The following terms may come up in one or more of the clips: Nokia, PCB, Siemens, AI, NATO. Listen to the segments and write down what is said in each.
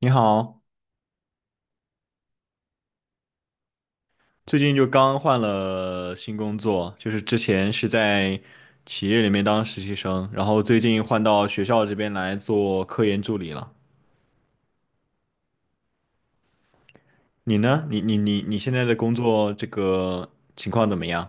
你好，最近就刚换了新工作，就是之前是在企业里面当实习生，然后最近换到学校这边来做科研助理了。你呢？你现在的工作这个情况怎么样？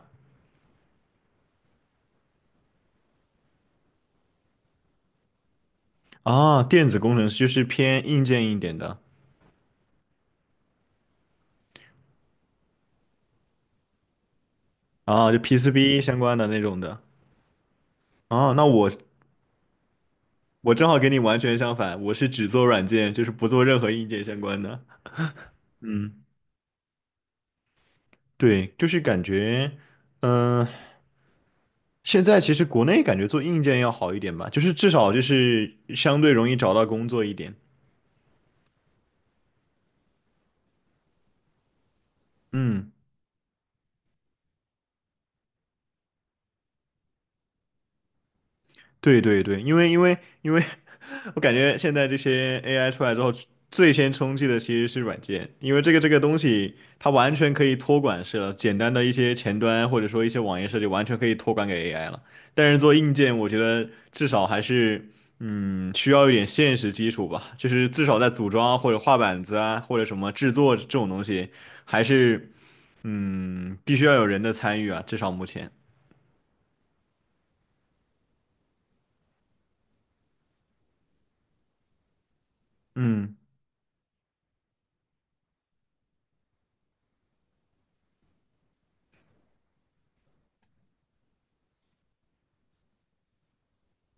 啊，电子工程师就是偏硬件一点的。啊，就 PCB 相关的那种的。啊，那我正好跟你完全相反，我是只做软件，就是不做任何硬件相关的。对，就是感觉。嗯，现在其实国内感觉做硬件要好一点吧，就是至少就是相对容易找到工作一点。嗯，对对对，因为 我感觉现在这些 AI 出来之后，最先冲击的其实是软件，因为这个东西它完全可以托管式了，简单的一些前端或者说一些网页设计完全可以托管给 AI 了。但是做硬件，我觉得至少还是需要一点现实基础吧，就是至少在组装啊或者画板子啊或者什么制作这种东西。还是嗯，必须要有人的参与啊，至少目前。嗯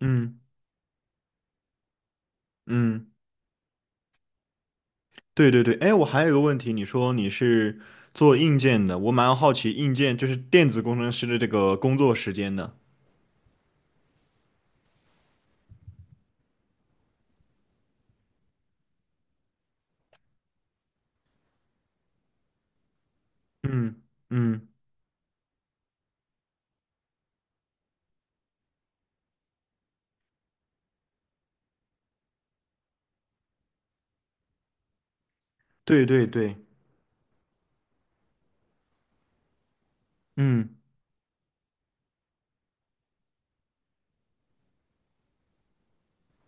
嗯嗯，对对对。哎，我还有一个问题，你说你是做硬件的，我蛮好奇硬件就是电子工程师的这个工作时间的。嗯嗯，对对对，嗯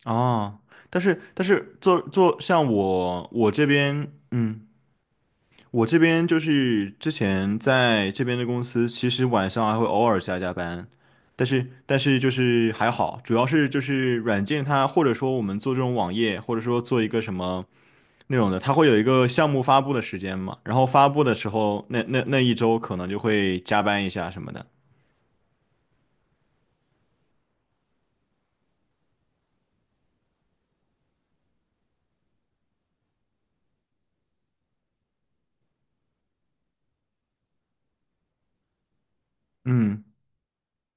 哦，但是做像我这边，嗯。我这边就是之前在这边的公司，其实晚上还会偶尔加加班，但是就是还好，主要是就是软件它或者说我们做这种网页，或者说做一个什么内容的，它会有一个项目发布的时间嘛，然后发布的时候那一周可能就会加班一下什么的。嗯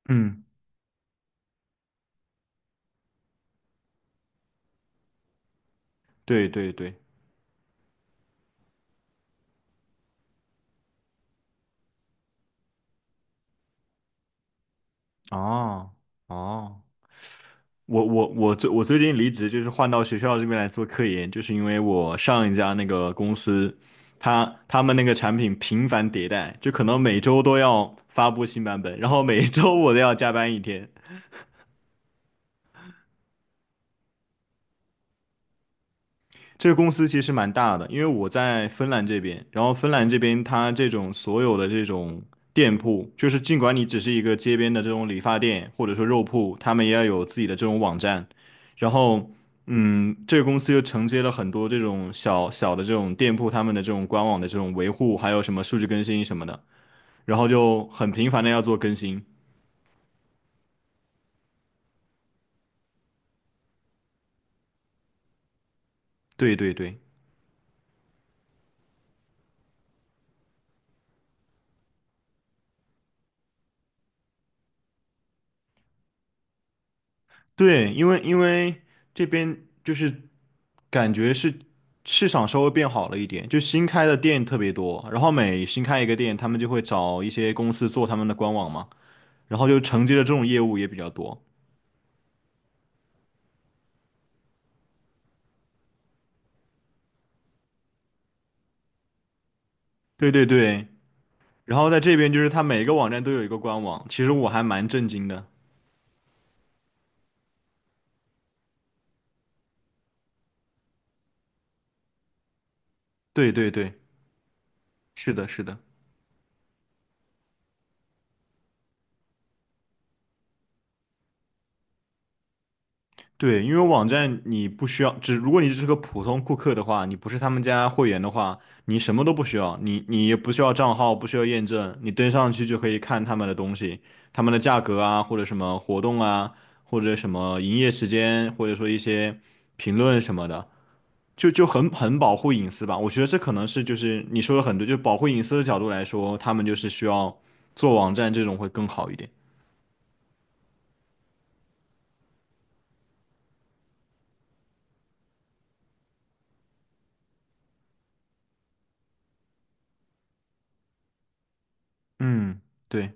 嗯，对对对，哦哦。我最近离职，就是换到学校这边来做科研，就是因为我上一家那个公司，他们那个产品频繁迭代，就可能每周都要发布新版本，然后每周我都要加班一天。这个公司其实蛮大的，因为我在芬兰这边，然后芬兰这边它这种所有的这种店铺，就是尽管你只是一个街边的这种理发店或者说肉铺，他们也要有自己的这种网站，然后嗯，这个公司又承接了很多这种小小的这种店铺，他们的这种官网的这种维护，还有什么数据更新什么的，然后就很频繁的要做更新。对对对对，因为这边就是。感觉是市场稍微变好了一点，就新开的店特别多，然后每新开一个店，他们就会找一些公司做他们的官网嘛，然后就承接的这种业务也比较多。对对对，然后在这边就是它每个网站都有一个官网，其实我还蛮震惊的。对对对，是的，是的。对，因为网站你不需要，只如果你只是个普通顾客的话，你不是他们家会员的话，你什么都不需要，你也不需要账号，不需要验证，你登上去就可以看他们的东西，他们的价格啊，或者什么活动啊，或者什么营业时间，或者说一些评论什么的，就很保护隐私吧。我觉得这可能是就是你说的很对，就保护隐私的角度来说，他们就是需要做网站这种会更好一点。嗯，对，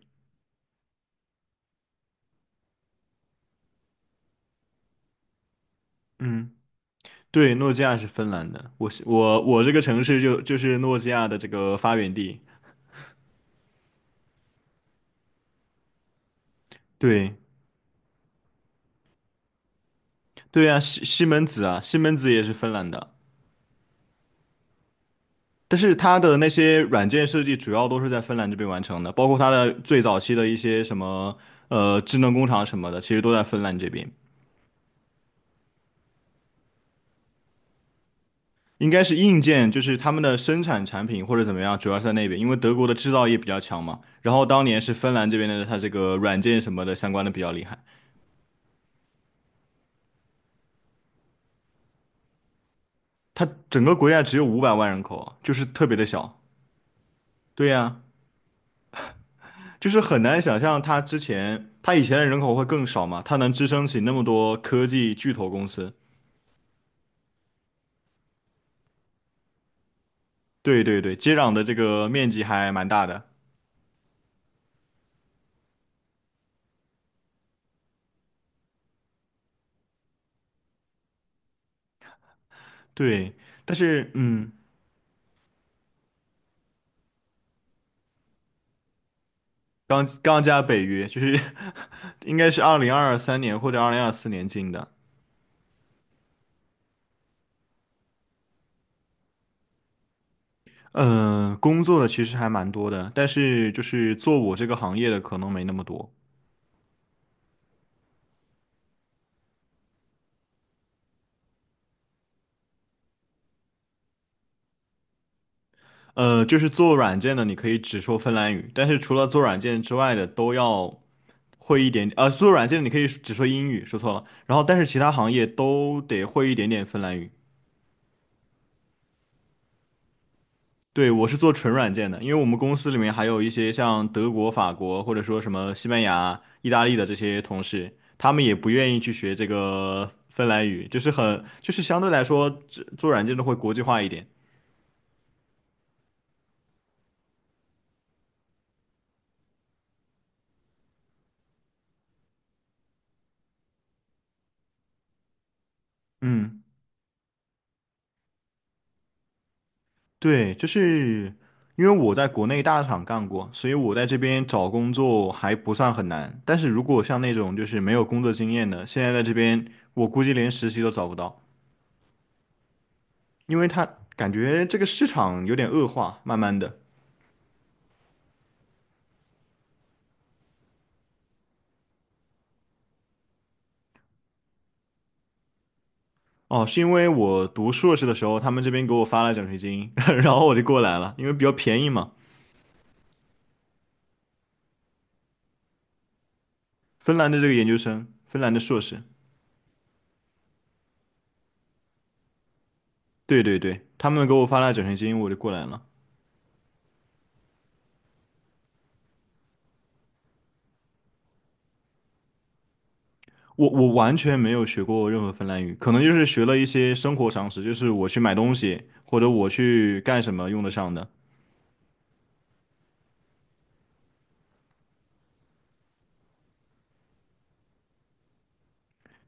嗯。对，诺基亚是芬兰的，我是我我这个城市就是诺基亚的这个发源地。对对啊，西门子啊，西门子也是芬兰的，但是它的那些软件设计主要都是在芬兰这边完成的，包括它的最早期的一些什么智能工厂什么的，其实都在芬兰这边。应该是硬件，就是他们的生产产品或者怎么样，主要是在那边，因为德国的制造业比较强嘛。然后当年是芬兰这边的，它这个软件什么的相关的比较厉害。它整个国家只有500万人口啊，就是特别的小。对呀，就是很难想象他之前，他以前的人口会更少嘛，他能支撑起那么多科技巨头公司。对对对，接壤的这个面积还蛮大的。对，但是嗯，刚加北约，就是 应该是2023年或者2024年进的。嗯、工作的其实还蛮多的，但是就是做我这个行业的可能没那么多。呃，就是做软件的，你可以只说芬兰语，但是除了做软件之外的，都要。会一点，呃，输入软件你可以只说英语，说错了，然后但是其他行业都得会一点点芬兰语。对，我是做纯软件的，因为我们公司里面还有一些像德国、法国或者说什么西班牙、意大利的这些同事，他们也不愿意去学这个芬兰语，就是很，就是相对来说，这做软件的会国际化一点。嗯。对，就是因为我在国内大厂干过，所以我在这边找工作还不算很难。但是如果像那种就是没有工作经验的，现在在这边我估计连实习都找不到，因为他感觉这个市场有点恶化，慢慢的。哦，是因为我读硕士的时候，他们这边给我发了奖学金，然后我就过来了，因为比较便宜嘛。芬兰的这个研究生，芬兰的硕士，对对对，他们给我发了奖学金，我就过来了。我完全没有学过任何芬兰语，可能就是学了一些生活常识，就是我去买东西或者我去干什么用得上的。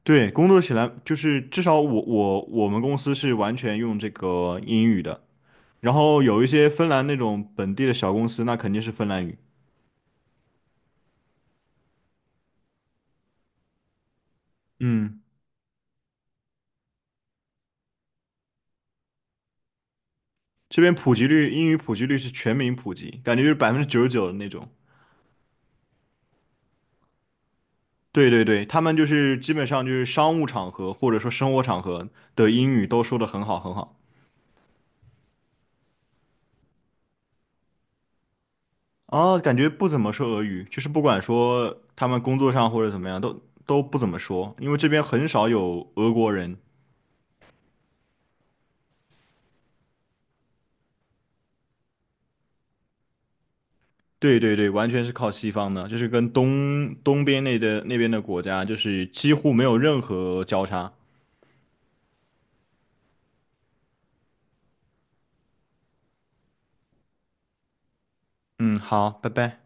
对，工作起来就是至少我我们公司是完全用这个英语的，然后有一些芬兰那种本地的小公司，那肯定是芬兰语。嗯，这边普及率，英语普及率是全民普及，感觉就是99%的那种。对对对，他们就是基本上就是商务场合或者说生活场合的英语都说得很好。啊，感觉不怎么说俄语，就是不管说他们工作上或者怎么样，都不怎么说，因为这边很少有俄国人。对对对，完全是靠西方的，就是跟东边那边的国家，就是几乎没有任何交叉。嗯，好，拜拜。